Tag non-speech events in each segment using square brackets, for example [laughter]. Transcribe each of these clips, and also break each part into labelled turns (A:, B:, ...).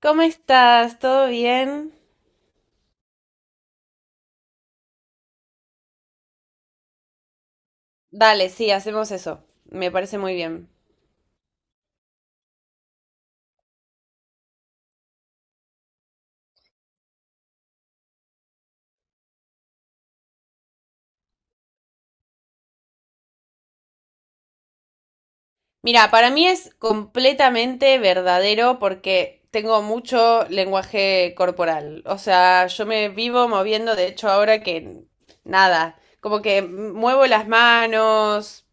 A: ¿Cómo estás? ¿Todo bien? Dale, sí, hacemos eso. Me parece muy bien. Mira, para mí es completamente verdadero porque tengo mucho lenguaje corporal. O sea, yo me vivo moviendo, de hecho, ahora que nada, como que muevo las manos.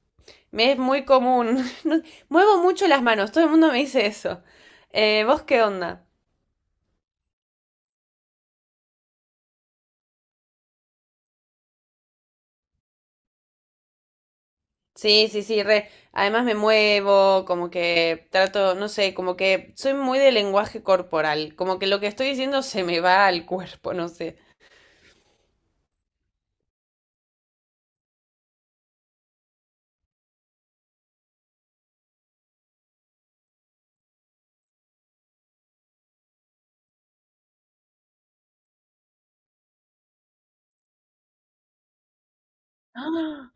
A: Me es muy común. [laughs] No- Muevo mucho las manos, todo el mundo me dice eso. ¿Vos qué onda? Sí, sí, sí, re. Además me muevo, como que trato, no sé, como que soy muy de lenguaje corporal, como que lo que estoy diciendo se me va al cuerpo, no sé. ¡Ah!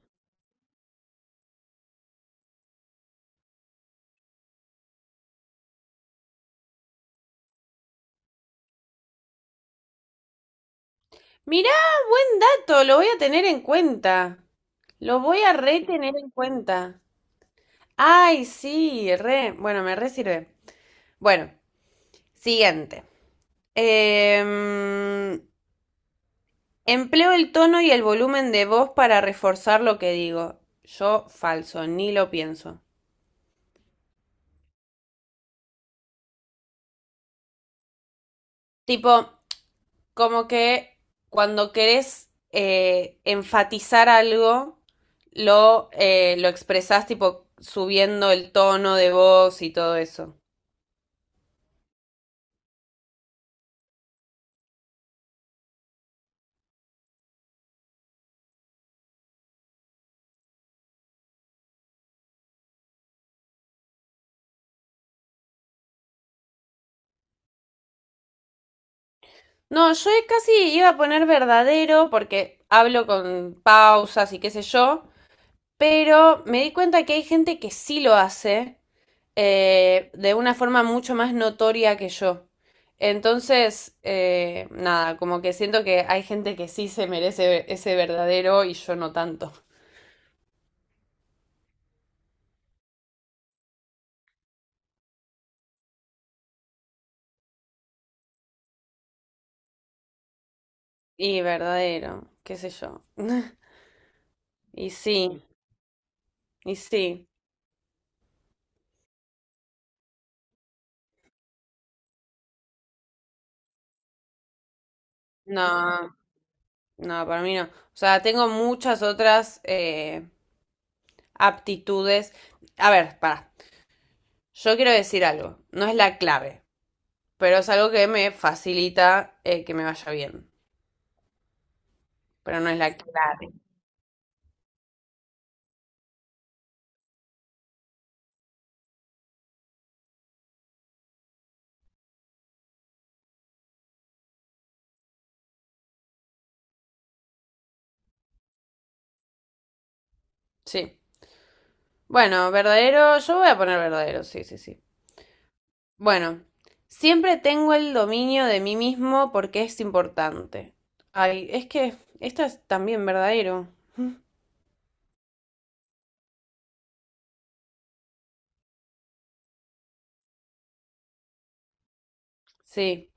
A: Mirá, esto, lo voy a tener en cuenta. Lo voy a re tener en cuenta. Ay, sí, re. Bueno, me re sirve. Bueno, siguiente. Em, empleo el tono y el volumen de voz para reforzar lo que digo. Yo falso, ni lo pienso. Tipo, como que cuando querés enfatizar algo, lo expresás tipo subiendo el tono de voz y todo eso. No, yo casi iba a poner verdadero porque hablo con pausas y qué sé yo, pero me di cuenta que hay gente que sí lo hace de una forma mucho más notoria que yo. Entonces, nada, como que siento que hay gente que sí se merece ese verdadero y yo no tanto. Y verdadero, qué sé yo. [laughs] Y sí, y sí. No, no, para mí no. O sea, tengo muchas otras aptitudes. A ver, para. Yo quiero decir algo. No es la clave, pero es algo que me facilita que me vaya bien. Pero no es la clave. Sí. Bueno, verdadero, yo voy a poner verdadero, sí, sí, sí. Bueno, siempre tengo el dominio de mí mismo porque es importante. Ay, es que esto es también verdadero. Sí,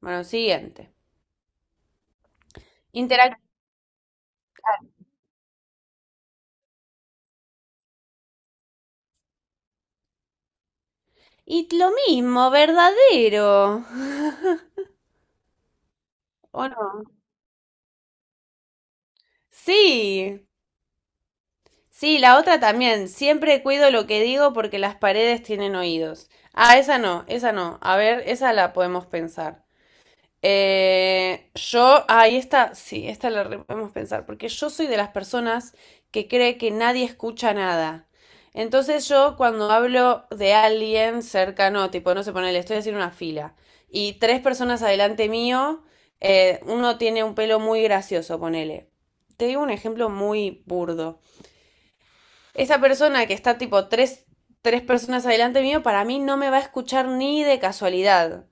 A: bueno, siguiente. Interac- Y lo mismo, verdadero. [laughs] ¿O no? Sí, sí, la otra también. Siempre cuido lo que digo porque las paredes tienen oídos. Ah, esa no, esa no. A ver, esa la podemos pensar. Yo, ahí está, sí, esta la re- podemos pensar, porque yo soy de las personas que cree que nadie escucha nada. Entonces yo cuando hablo de alguien cercano, tipo, no sé, ponele, estoy haciendo una fila y tres personas adelante mío, uno tiene un pelo muy gracioso, ponele. Te digo un ejemplo muy burdo. Esa persona que está tipo tres personas adelante mío, para mí no me va a escuchar ni de casualidad.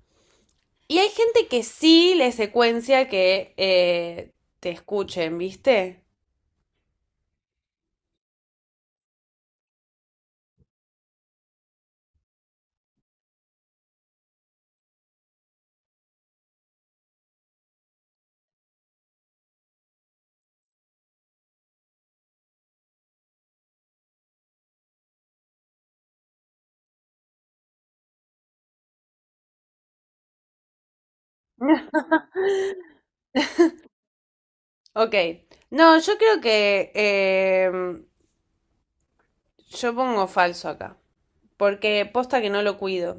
A: Y hay gente que sí le secuencia que te escuchen, ¿viste? [laughs] Ok. No, yo creo que yo pongo falso acá, porque posta que no lo cuido.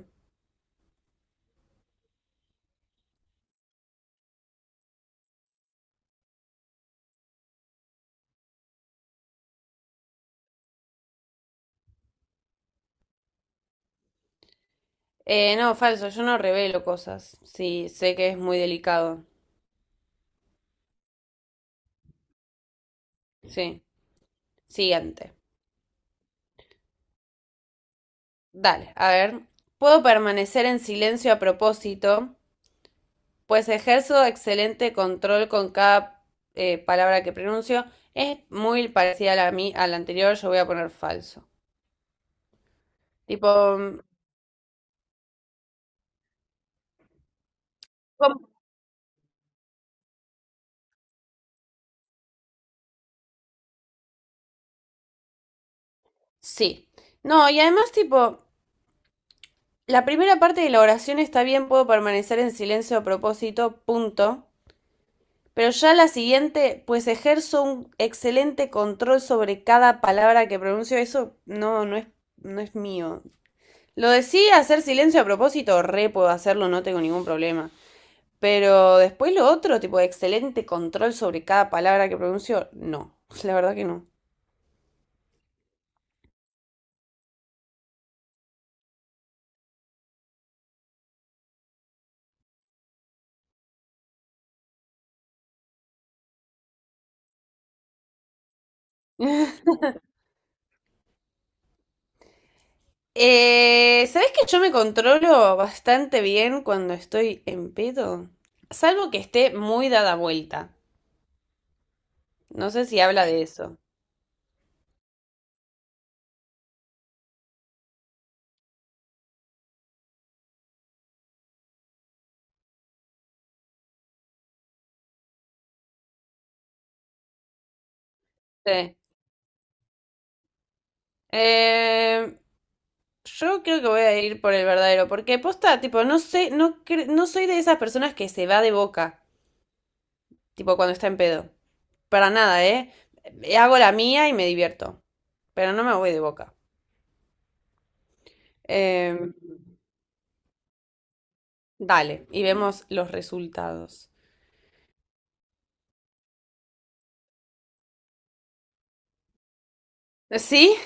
A: No, falso, yo no revelo cosas. Sí, sé que es muy delicado. Sí. Siguiente. Dale, a ver. Puedo permanecer en silencio a propósito pues ejerzo excelente control con cada palabra que pronuncio. Es muy parecida a la, mi- a la anterior, yo voy a poner falso. Tipo, mm, ¿cómo? Sí. No, y además, tipo, la primera parte de la oración está bien, puedo permanecer en silencio a propósito, punto. Pero ya la siguiente, pues ejerzo un excelente control sobre cada palabra que pronuncio. Eso no es, no es mío. Lo de sí, hacer silencio a propósito, re puedo hacerlo, no tengo ningún problema. Pero después lo otro, tipo, excelente control sobre cada palabra que pronuncio, no, [laughs] la verdad que no. [laughs] ¿Sabes que yo me controlo bastante bien cuando estoy en pedo? Salvo que esté muy dada vuelta. No sé si habla de eso. Sí. Eh, yo creo que voy a ir por el verdadero, porque posta, tipo, no sé, no, cre- no soy de esas personas que se va de boca. Tipo cuando está en pedo. Para nada, ¿eh? Hago la mía y me divierto. Pero no me voy de boca. Eh, dale, y vemos los resultados. ¿Sí?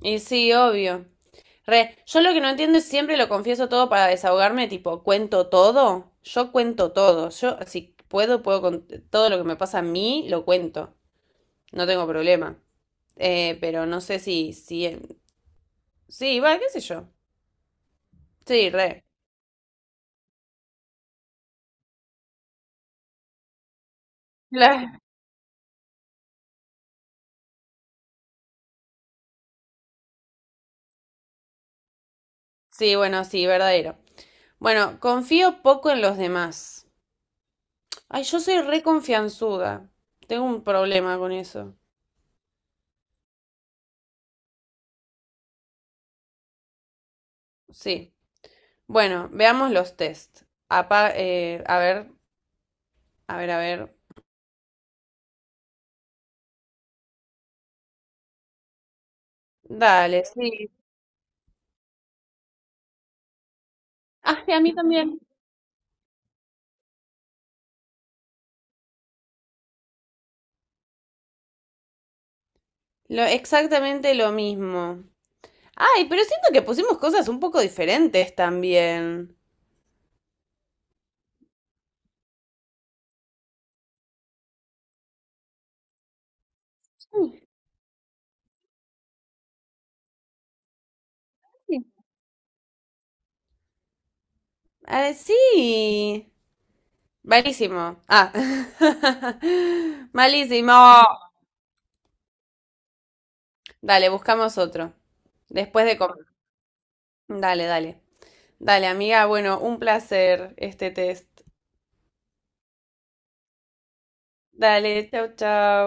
A: Y sí, obvio. Re, yo lo que no entiendo es siempre lo confieso todo para desahogarme, tipo, cuento todo. Yo cuento todo. Yo, si puedo, puedo con todo lo que me pasa a mí, lo cuento. No tengo problema. Pero no sé si, sí, va, qué sé yo. Sí, re. La- Sí, bueno, sí, verdadero. Bueno, confío poco en los demás. Ay, yo soy re confianzuda. Tengo un problema con eso. Sí. Bueno, veamos los test. Apa- a ver, a ver, a ver. Dale, sí. Ah, sí, a mí también. Lo, exactamente lo mismo. Ay, pero siento que pusimos cosas un poco diferentes también. Sí. Ah, sí. Malísimo. Ah. [laughs] Malísimo. Dale, buscamos otro. Después de comer. Dale, dale. Dale, amiga, bueno, un placer este test. Dale, chau, chau.